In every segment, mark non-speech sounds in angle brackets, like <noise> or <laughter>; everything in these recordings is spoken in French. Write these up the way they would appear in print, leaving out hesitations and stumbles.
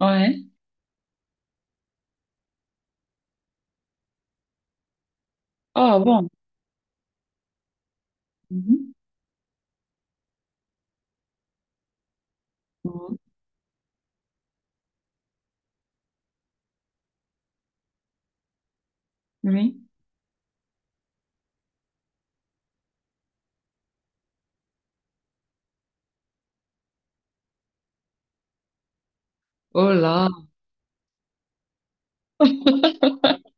Ouais. Ah bon. Mhm. Mhm. Oui. Oh là. <laughs>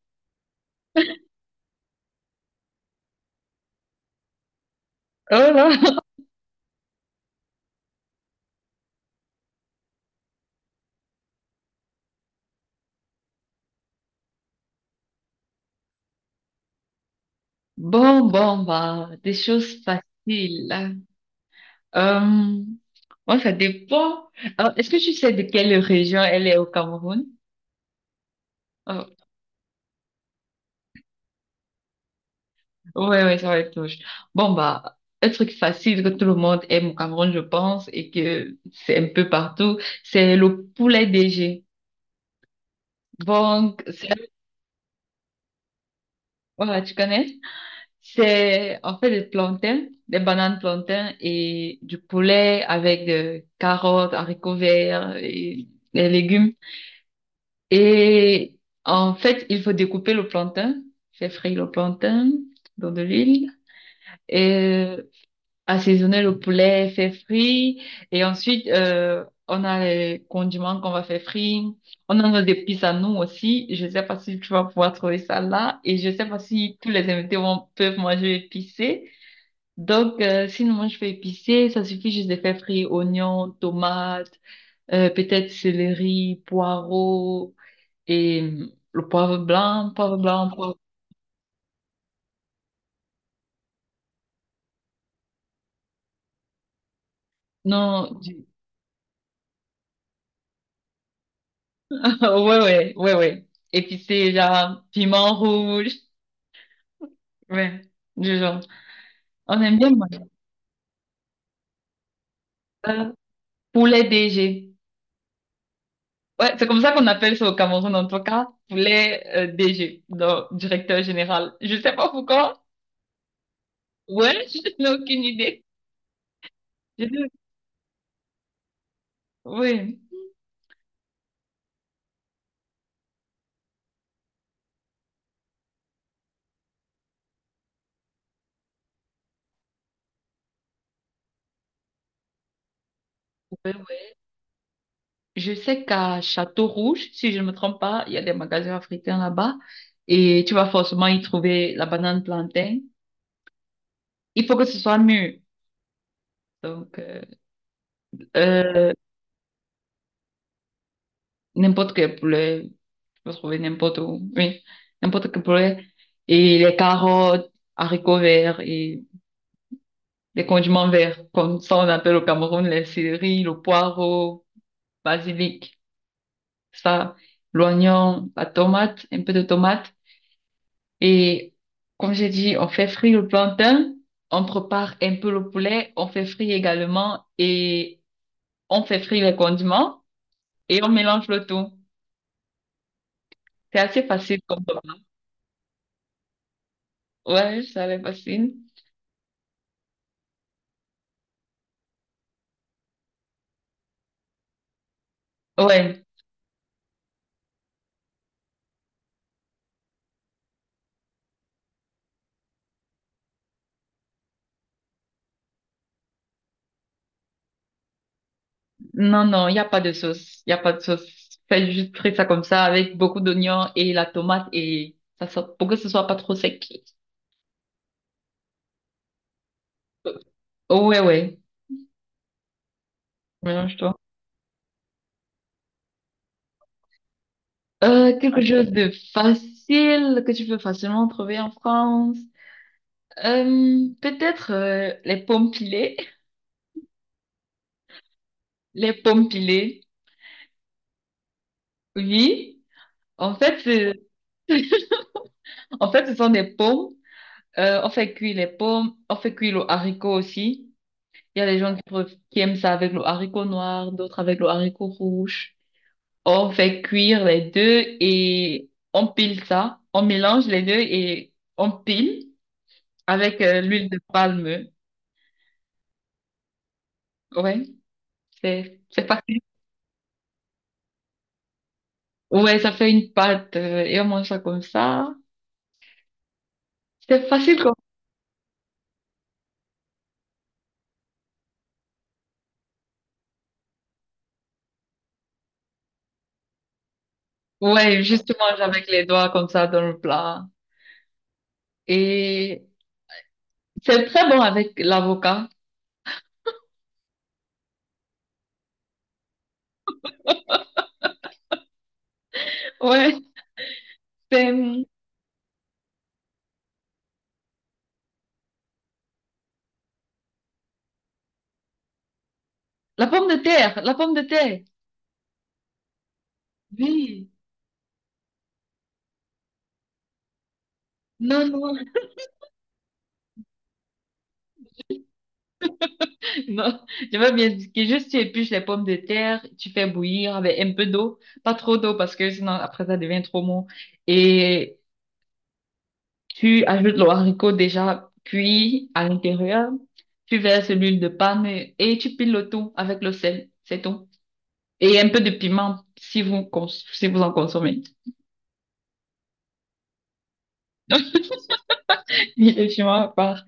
Oh là. Bon, bon, bah, des choses faciles. Euh, Moi, ça dépend. Alors, est-ce que tu sais de quelle région elle est au Cameroun? Oh, ouais, ouais, ça va être louche. Bon, bah, un truc facile que tout le monde aime au Cameroun, je pense, et que c'est un peu partout, c'est le poulet DG. Donc, c'est... Voilà, tu connais? C'est en fait des plantains, des bananes plantains et du poulet avec des carottes, haricots verts et des légumes. Et en fait, il faut découper le plantain, faire frire le plantain dans de l'huile et euh, assaisonner le poulet, faire frire. Et ensuite, on a les condiments qu'on va faire frire. On a des épices à nous aussi. Je sais pas si tu vas pouvoir trouver ça là. Et je sais pas si tous les invités vont, peuvent manger épicé. Donc, sinon, moi, je fais épicé. Ça suffit juste de faire frire oignons, tomates, peut-être céleri, poireaux et le poivre blanc, poivre blanc, poivre... Non, du- <laughs> ouais, ouais, ouais, ouais. Épicé, genre, piment rouge. Ouais, du genre. On aime bien manger ça. Poulet DG. Ouais, c'est comme ça qu'on appelle ça au Cameroun, en tout cas. Poulet DG, donc directeur général. Je sais pas pourquoi. Ouais, <laughs> je n'ai aucune idée. Je- Oui. Ouais, ouais. Je sais qu'à Château Rouge, si je ne me trompe pas, il y a des magasins africains là-bas et tu vas forcément y trouver la banane plantain. Il faut que ce soit mûr. Donc, euh, n'importe quel poulet, tu peux trouver n'importe où. Oui, n'importe quel poulet. Et les carottes, haricots verts et les condiments verts, comme ça on appelle au Cameroun les céleri, le poireau, basilic, ça, l'oignon, la tomate, un peu de tomate. Et comme j'ai dit, on fait frire le plantain, on prépare un peu le poulet, on fait frire également et on fait frire les condiments et on mélange le tout. C'est assez facile comme repas. Ouais, ça va être facile. Ouais, non, non, il n'y a pas de sauce. Il n'y a pas de sauce. Faites juste frire ça comme ça avec beaucoup d'oignons et la tomate et ça sort- pour que ce soit pas trop sec. Ouais, ouais, mélange-toi. Quelque chose de facile que tu peux facilement trouver en France. Peut-être les pommes pilées. Les pommes pilées, oui. En fait, c'est- <laughs> en fait, ce sont des pommes. On fait cuire les pommes, on fait cuire le haricot aussi. Il y a des gens qui, préf- qui aiment ça avec le haricot noir, d'autres avec le haricot rouge. On fait cuire les deux et on pile ça. On mélange les deux et on pile avec l'huile de palme. Ouais, c'est facile. Ouais, ça fait une pâte et on mange ça comme ça. C'est facile comme... Ouais, justement, avec les doigts comme ça dans le plat. Et c'est très bon avec l'avocat. Ouais, c'est la pomme de terre, la pomme de terre. Oui. Non, non, <laughs> non. Je veux bien dire que juste tu épluches les pommes de terre, tu fais bouillir avec un peu d'eau, pas trop d'eau parce que sinon après ça devient trop mou. Et tu ajoutes le haricot déjà cuit à l'intérieur, tu verses l'huile de palme et tu piles le tout avec le sel. C'est tout. Et un peu de piment, si vous, cons- si vous en consommez. <laughs> Et le piment à part.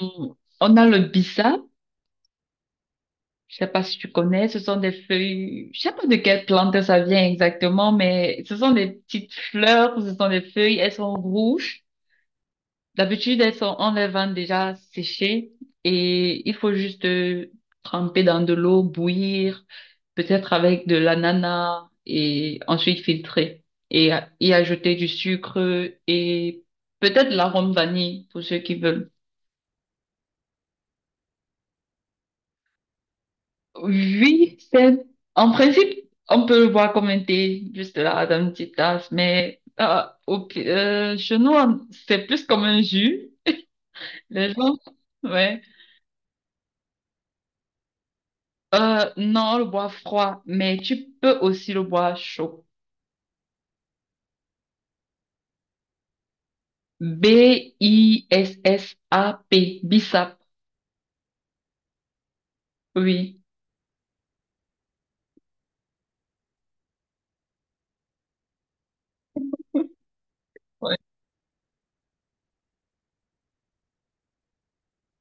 Mm. On a le bissap. Je sais pas si tu connais, ce sont des feuilles, je sais pas de quelle plante ça vient exactement, mais ce sont des petites fleurs, ce sont des feuilles, elles sont rouges. D'habitude, elles sont, on les vend déjà séchées et il faut juste tremper dans de l'eau, bouillir, peut-être avec de l'ananas et ensuite filtrer et y ajouter du sucre et peut-être de l'arôme vanille pour ceux qui veulent. Oui, c'est, en principe, on peut le boire comme un thé, juste là, dans une petite tasse, mais chez nous, on- c'est plus comme un jus. Les gens, ouais. Non, le bois froid, mais tu peux aussi le bois chaud. B-I-S-S-A-P, Bissap, oui. Ouais.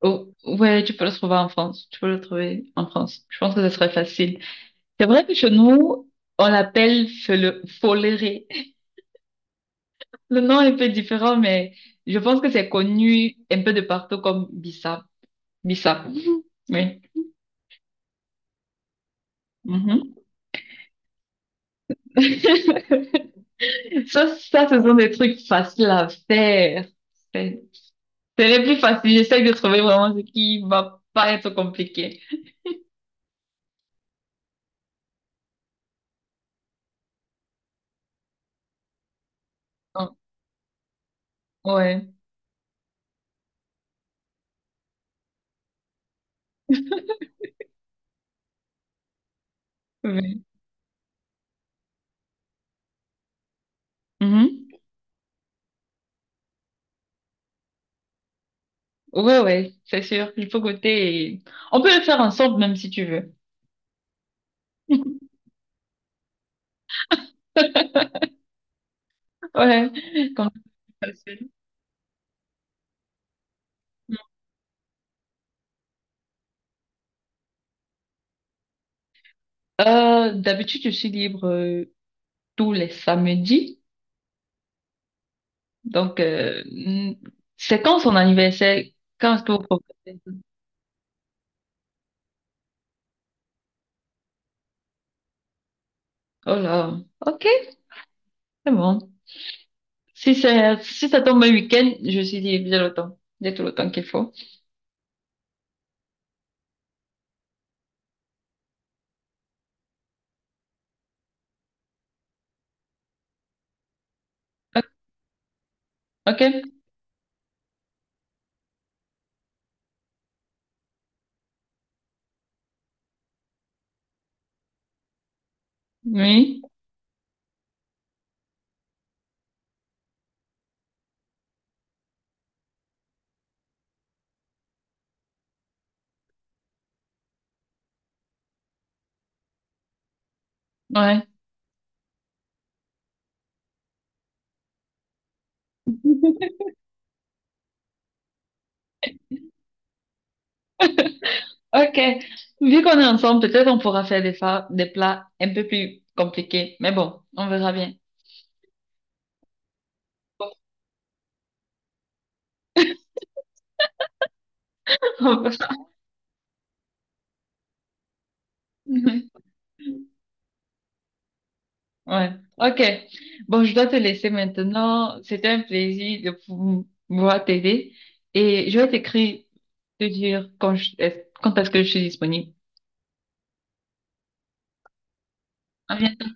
Oh, ouais, tu peux le trouver en France. Tu peux le trouver en France. Je pense que ce serait facile. C'est vrai que chez nous, on l'appelle fele- foléré. Le nom est un peu différent, mais je pense que c'est connu un peu de partout comme Bissap. Bissap, <laughs> Mhm. oui. Mhm. <laughs> Ça, ce sont des trucs faciles à faire. C'est- C'est les plus faciles. J'essaie de trouver vraiment ce qui va pas être compliqué. Donc, ouais. Oui. Mhm. Ouais, ouais, c'est sûr. Il faut goûter et... On peut le faire ensemble même si tu veux. <laughs> Ouais, comme ça, c'est facile. D'habitude, je suis libre tous les samedis. Donc, c'est quand son anniversaire? Quand est-ce que vous proposez? Oh là, ok, c'est bon. Si c'est, si ça tombe un week-end, je suis libre, j'ai le temps. J'ai tout le temps qu'il faut. Ok? Oui, ouais. Ok. Vu qu'on est ensemble, peut-être on pourra faire des, fa- des plats un peu plus compliqués. Mais bon, on verra bien. <laughs> On verra. Ouais. Ouais. Ok. Bon, je dois te laisser maintenant. C'était un plaisir de pou- pouvoir t'aider. Et je vais t'écrire, te dire quand quand est-ce que je suis disponible. À bientôt.